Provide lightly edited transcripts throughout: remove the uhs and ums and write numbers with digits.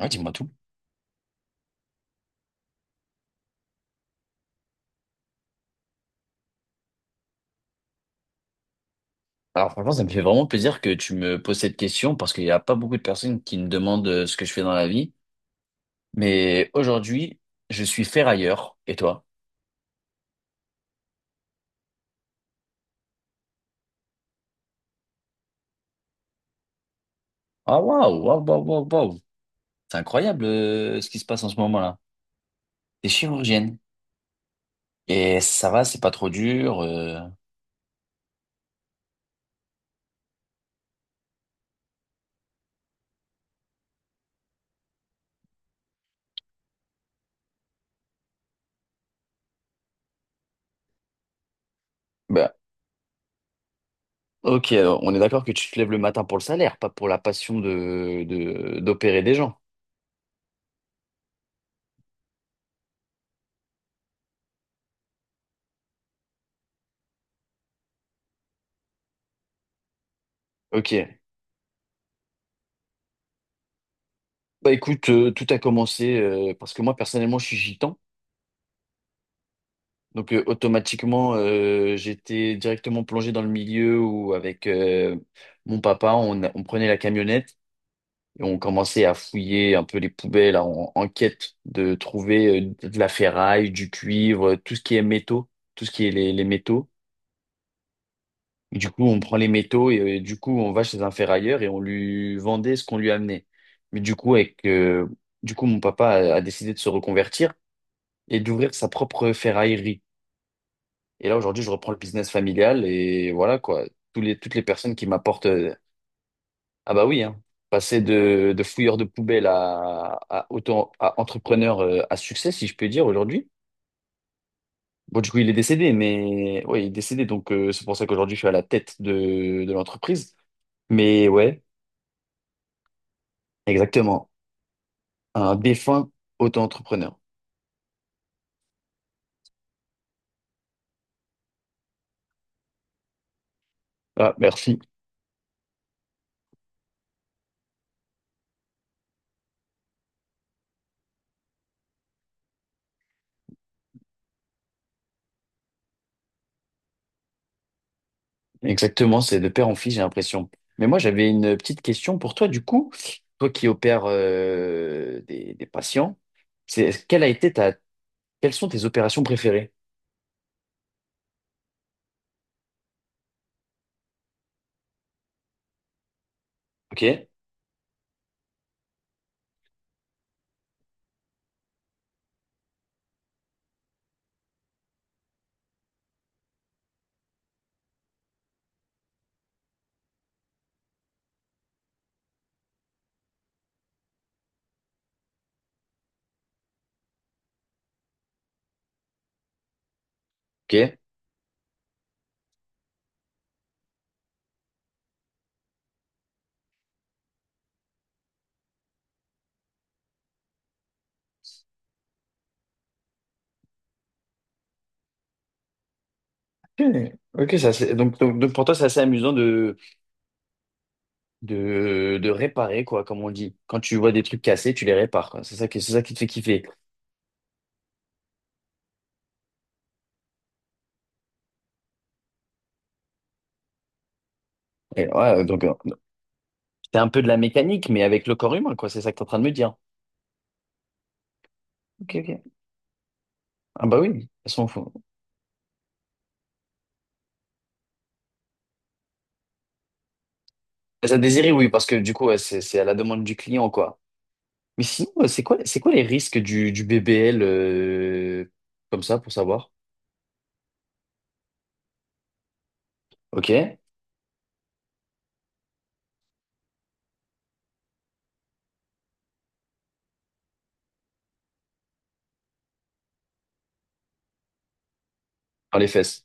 Ouais, dis-moi tout. Alors franchement, ça me fait vraiment plaisir que tu me poses cette question parce qu'il n'y a pas beaucoup de personnes qui me demandent ce que je fais dans la vie. Mais aujourd'hui, je suis ferrailleur. Et toi? Ah waouh, waouh, waouh, waouh, waouh. C'est incroyable ce qui se passe en ce moment-là. T'es chirurgienne. Et ça va, c'est pas trop dur. Bah, ok, alors, on est d'accord que tu te lèves le matin pour le salaire, pas pour la passion d'opérer des gens. Ok. Bah écoute, tout a commencé parce que moi personnellement, je suis gitan. Donc automatiquement, j'étais directement plongé dans le milieu où avec mon papa, on prenait la camionnette et on commençait à fouiller un peu les poubelles en quête de trouver de la ferraille, du cuivre, tout ce qui est métaux, tout ce qui est les métaux. Et du coup, on prend les métaux et du coup, on va chez un ferrailleur et on lui vendait ce qu'on lui amenait. Mais du coup, mon papa a décidé de se reconvertir et d'ouvrir sa propre ferraillerie. Et là, aujourd'hui, je reprends le business familial et voilà quoi. Toutes les personnes qui m'apportent. Ah bah oui, hein. Passer de fouilleur de poubelle à entrepreneur à succès, si je peux dire, aujourd'hui. Bon, du coup, il est décédé, mais oui il est décédé, donc c'est pour ça qu'aujourd'hui, je suis à la tête de l'entreprise. Mais ouais, exactement. Un défunt auto-entrepreneur. Ah, merci. Exactement, c'est de père en fils, j'ai l'impression. Mais moi, j'avais une petite question pour toi, du coup. Toi qui opères des patients, c'est, quelle a été ta, quelles sont tes opérations préférées? Ok, ok. Ok, ok, ça, donc, donc pour toi, c'est assez amusant de réparer, quoi, comme on dit. Quand tu vois des trucs cassés, tu les répares, quoi. C'est ça qui te fait kiffer. Et ouais, donc, c'est un peu de la mécanique, mais avec le corps humain, quoi. C'est ça que tu es en train de me dire. Ok, ok. Ah bah oui, de toute façon, Ça désirait, oui, parce que du coup, ouais, c'est à la demande du client, quoi. Mais sinon, c'est quoi les risques du BBL comme ça, pour savoir? Ok. Dans les fesses.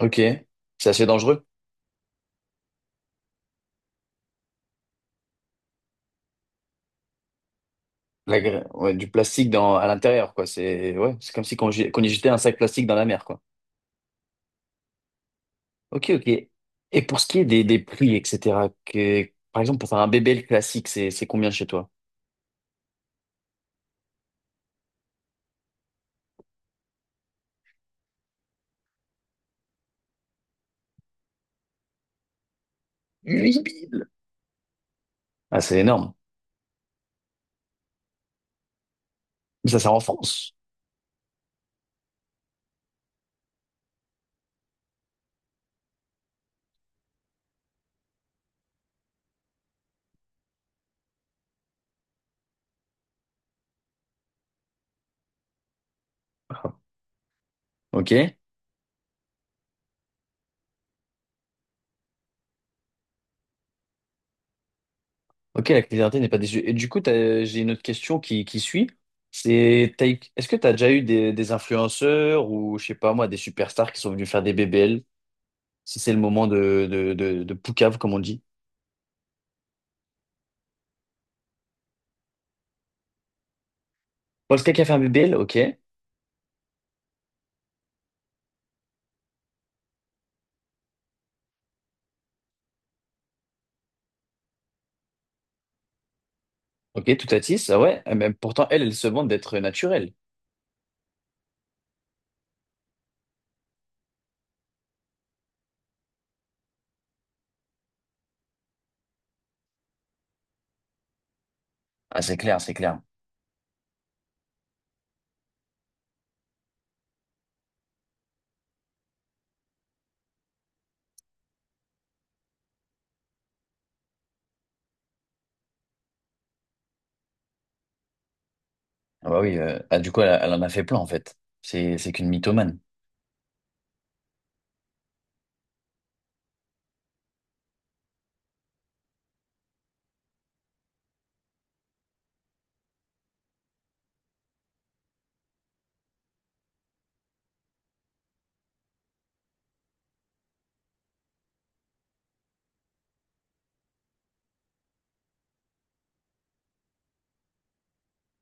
Ok. C'est assez dangereux. Ouais, du plastique dans, à l'intérieur, quoi. C'est ouais, c'est comme si qu'on y jetait un sac plastique dans la mer, quoi. Ok, ok. Et pour ce qui est des prix, etc., que, par exemple, pour faire un BBL classique, c'est combien chez toi? 8 000. Ah, c'est énorme. Mais ça, c'est en France. Ah, ok. Ok, la clarté n'est pas déçue. Et du coup, j'ai une autre question qui suit. C'est, est-ce que tu as déjà eu des influenceurs ou, je sais pas moi, des superstars qui sont venus faire des BBL, si c'est le moment de Poucave, comme on dit. Polska qui a fait un BBL, ok. Ok, tout à tisse, ah ouais. Ah, mais pourtant, elle, elle se vante d'être naturelle. Ah, c'est clair, c'est clair. Ah bah oui, ah, du coup, elle, elle en a fait plein, en fait. C'est qu'une mythomane.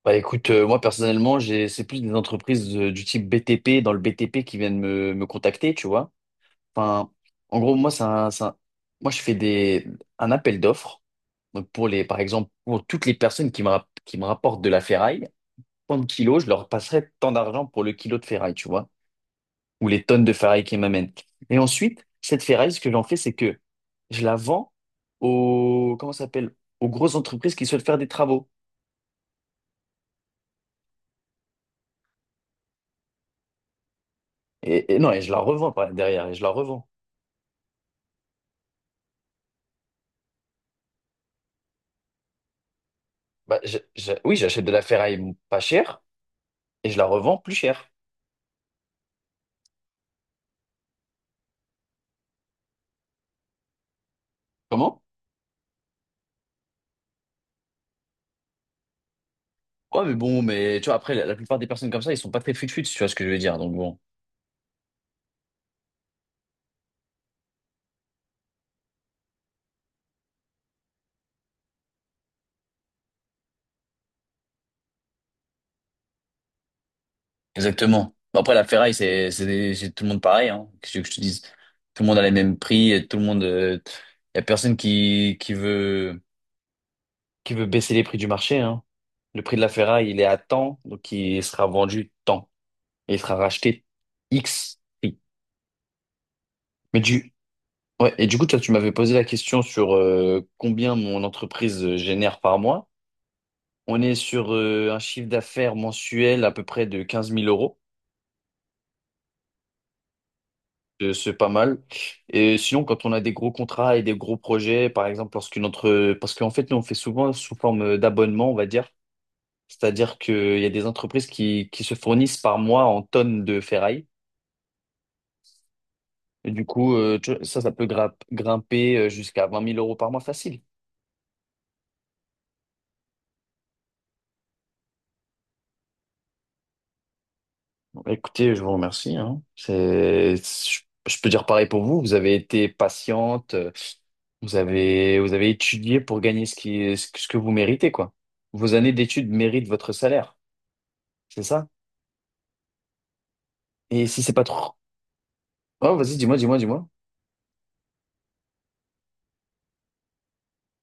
Bah écoute, moi personnellement, c'est plus des entreprises du type BTP, dans le BTP qui viennent me contacter, tu vois. Enfin, en gros, moi, moi, je fais un appel d'offres. Donc, par exemple, pour toutes les personnes qui me rapportent de la ferraille, tant de kilos, je leur passerai tant d'argent pour le kilo de ferraille, tu vois, ou les tonnes de ferraille qu'ils m'amènent. Et ensuite, cette ferraille, ce que j'en fais, c'est que je la vends aux, comment ça s'appelle, aux grosses entreprises qui souhaitent faire des travaux. Et non, et je la revends derrière, et je la revends. Bah, oui, j'achète de la ferraille pas chère et je la revends plus chère. Comment? Ouais, mais bon, mais tu vois, après, la plupart des personnes comme ça, ils sont pas très fut-fut, si tu vois ce que je veux dire. Donc bon, exactement. Bon, après, la ferraille, c'est tout le monde pareil, hein. Qu'est-ce que tu veux que je te dise? Tout le monde a les mêmes prix, et tout le monde. Il y a personne qui veut baisser les prix du marché, hein. Le prix de la ferraille, il est à tant donc il sera vendu tant. Et il sera racheté X prix. Mais du. Ouais, et du coup, toi, tu m'avais posé la question sur combien mon entreprise génère par mois. On est sur un chiffre d'affaires mensuel à peu près de 15 000 euros. C'est pas mal. Et sinon, quand on a des gros contrats et des gros projets, par exemple, lorsqu'une entre... parce qu'en fait, nous, on fait souvent sous forme d'abonnement, on va dire. C'est-à-dire qu'il y a des entreprises qui se fournissent par mois en tonnes de ferraille. Et du coup, tu vois, ça peut grimper jusqu'à 20 000 euros par mois facile. Écoutez, je vous remercie, hein. Je peux dire pareil pour vous. Vous avez été patiente, vous avez étudié pour gagner ce que vous méritez, quoi. Vos années d'études méritent votre salaire, c'est ça? Et si c'est pas trop... Oh, vas-y, dis-moi, dis-moi, dis-moi.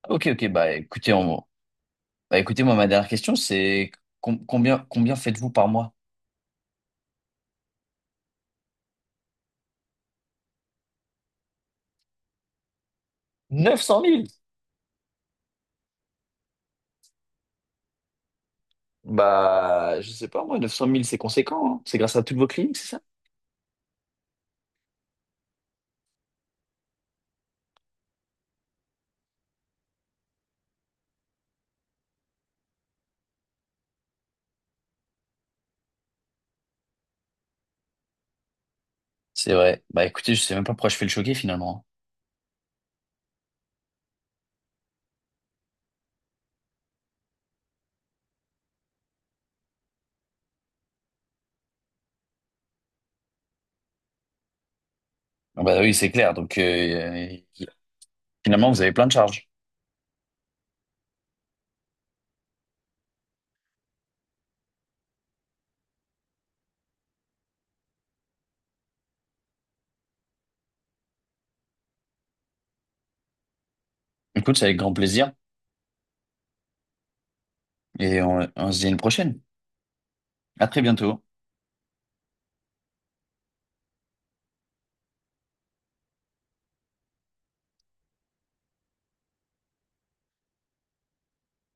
Ok, ok, bah, écoutez, moi, ma dernière question, c'est combien faites-vous par mois? 900 000. Bah, je sais pas, moi, neuf cent mille, c'est conséquent, hein. C'est grâce à toutes vos cliniques, c'est ça? C'est vrai. Bah écoutez, je sais même pas pourquoi je fais le choquer finalement. Ah bah oui, c'est clair. Donc, finalement, vous avez plein de charges. Écoute, c'est avec grand plaisir et on se dit à une prochaine. À très bientôt.